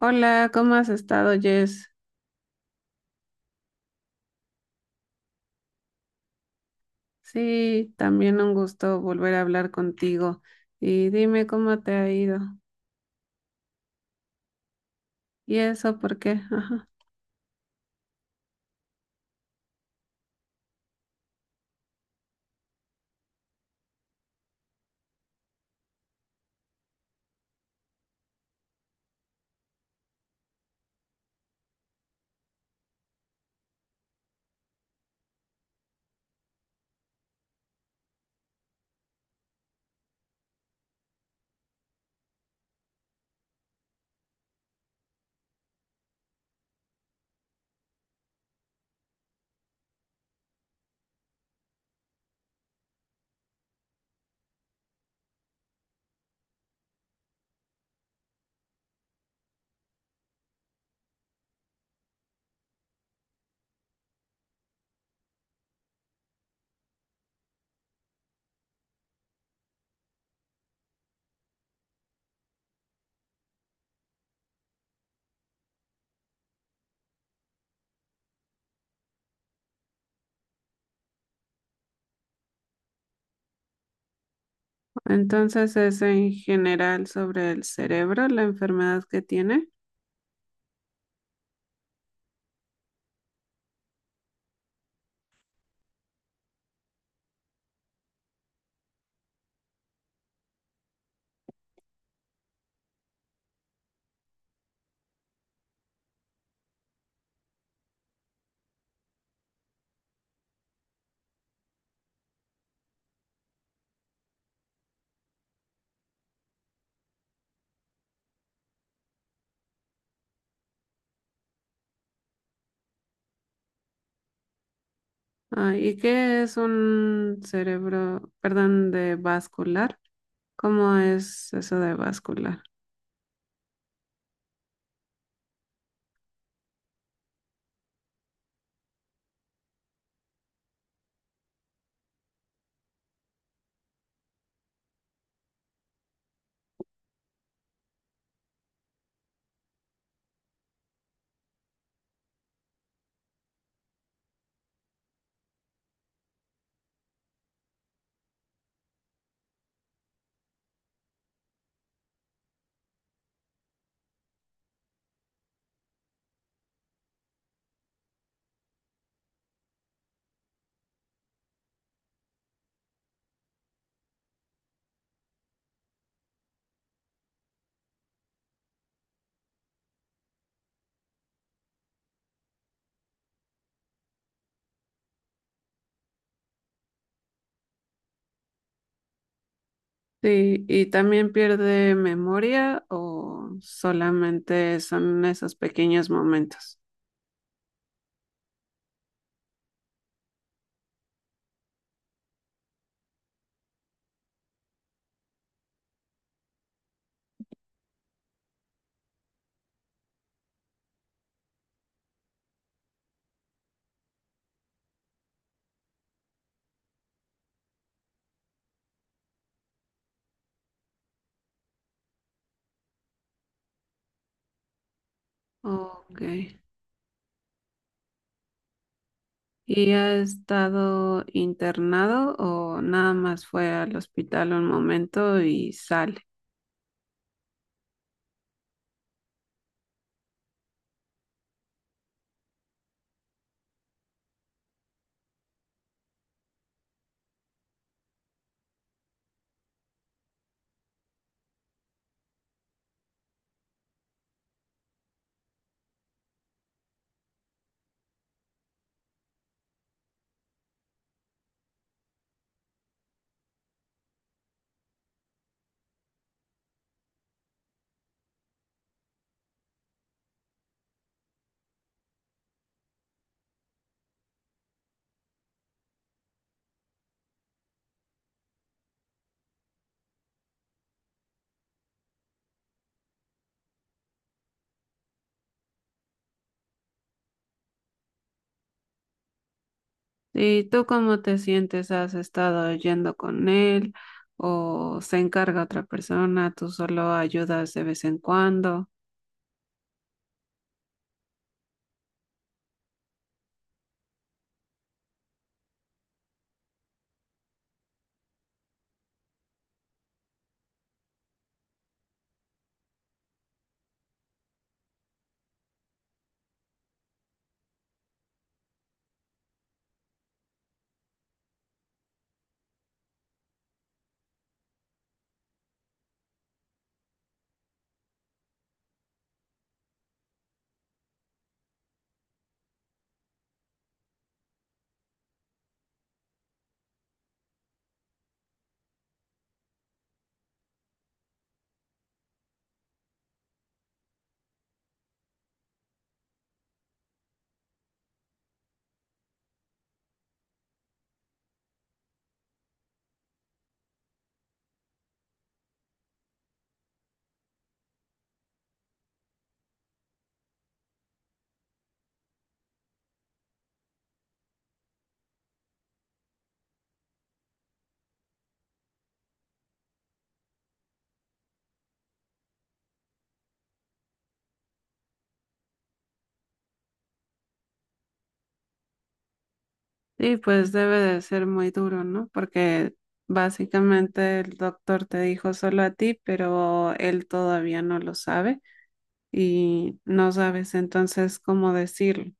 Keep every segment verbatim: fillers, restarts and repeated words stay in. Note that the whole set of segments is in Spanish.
Hola, ¿cómo has estado, Jess? Sí, también un gusto volver a hablar contigo. Y dime cómo te ha ido. ¿Y eso por qué? Ajá. Entonces es en general sobre el cerebro, la enfermedad que tiene. Ah, ¿y qué es un cerebro, perdón, de vascular? ¿Cómo es eso de vascular? Sí, ¿y también pierde memoria o solamente son esos pequeños momentos? Ok. ¿Y ha estado internado o nada más fue al hospital un momento y sale? ¿Y tú cómo te sientes? ¿Has estado yendo con él o se encarga otra persona? ¿Tú solo ayudas de vez en cuando? Sí, pues debe de ser muy duro, ¿no? Porque básicamente el doctor te dijo solo a ti, pero él todavía no lo sabe y no sabes entonces cómo decirlo.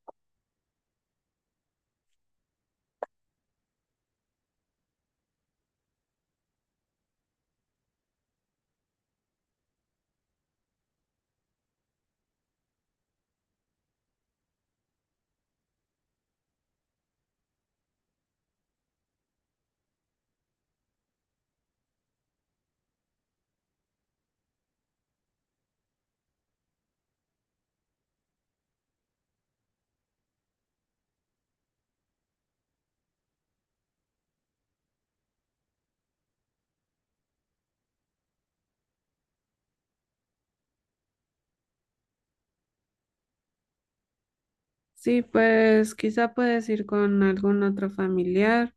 Sí, pues quizá puedes ir con algún otro familiar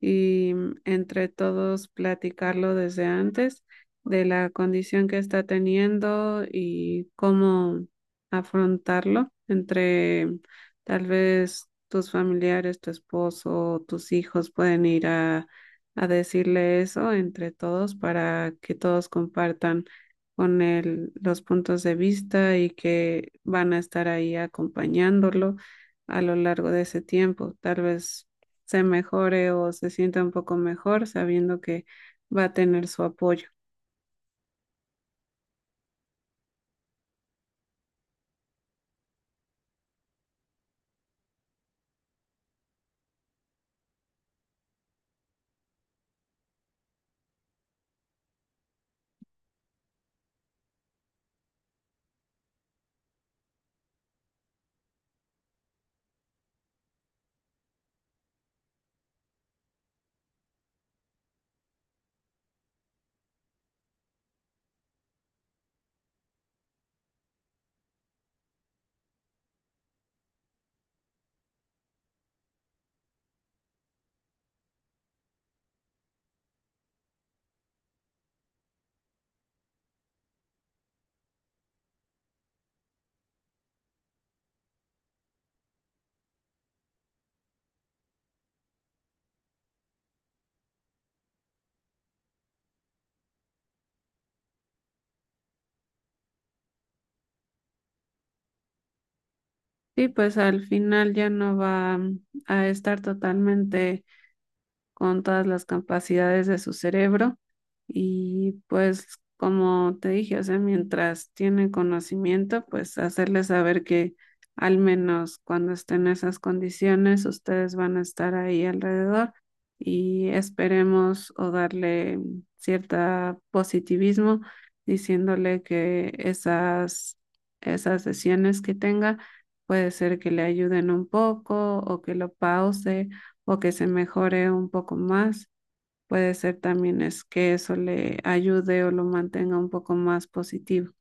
y mm, entre todos platicarlo desde antes de la condición que está teniendo y cómo afrontarlo entre mm, tal vez tus familiares, tu esposo, tus hijos pueden ir a, a decirle eso entre todos para que todos compartan con él los puntos de vista y que van a estar ahí acompañándolo a lo largo de ese tiempo. Tal vez se mejore o se sienta un poco mejor sabiendo que va a tener su apoyo. Y pues al final ya no va mm, a estar totalmente con todas las capacidades de su cerebro y pues como te dije, o sea, mientras tiene conocimiento, pues hacerle saber que al menos cuando estén en esas condiciones, ustedes van a estar ahí alrededor y esperemos o darle cierto positivismo diciéndole que esas, esas sesiones que tenga puede ser que le ayuden un poco o que lo pause o que se mejore un poco más. Puede ser también es que eso le ayude o lo mantenga un poco más positivo.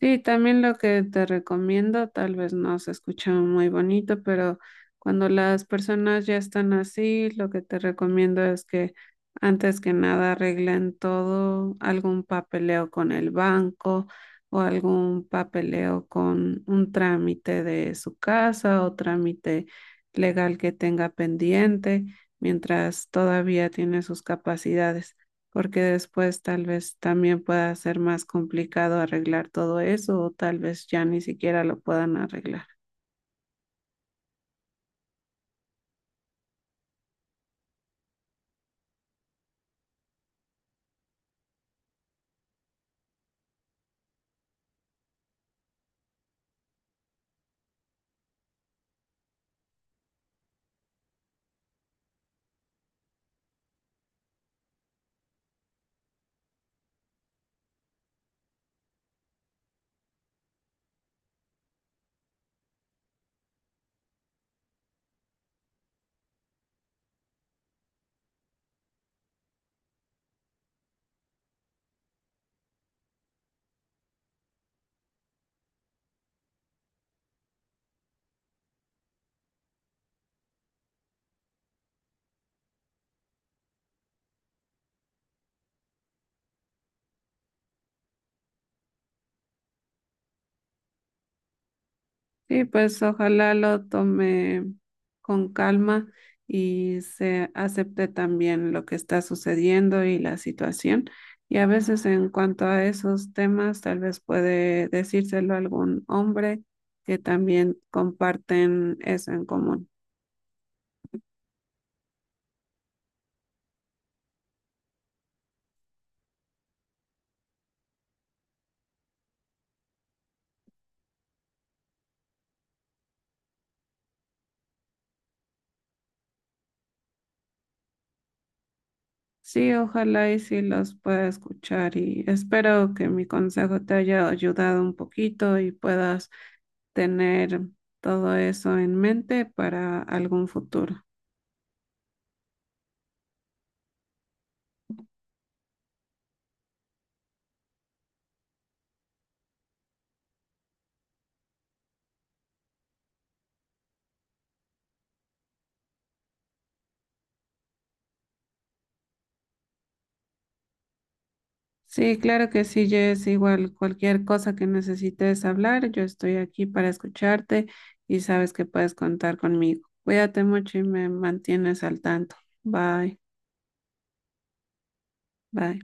Sí, también lo que te recomiendo, tal vez no se escucha muy bonito, pero cuando las personas ya están así, lo que te recomiendo es que antes que nada arreglen todo, algún papeleo con el banco o algún papeleo con un trámite de su casa o trámite legal que tenga pendiente mientras todavía tiene sus capacidades porque después tal vez también pueda ser más complicado arreglar todo eso o tal vez ya ni siquiera lo puedan arreglar. Y pues ojalá lo tome con calma y se acepte también lo que está sucediendo y la situación. Y a veces en cuanto a esos temas, tal vez puede decírselo a algún hombre que también comparten eso en común. Sí, ojalá y sí los pueda escuchar y espero que mi consejo te haya ayudado un poquito y puedas tener todo eso en mente para algún futuro. Sí, claro que sí, Jess, igual cualquier cosa que necesites hablar, yo estoy aquí para escucharte y sabes que puedes contar conmigo. Cuídate mucho y me mantienes al tanto. Bye, bye.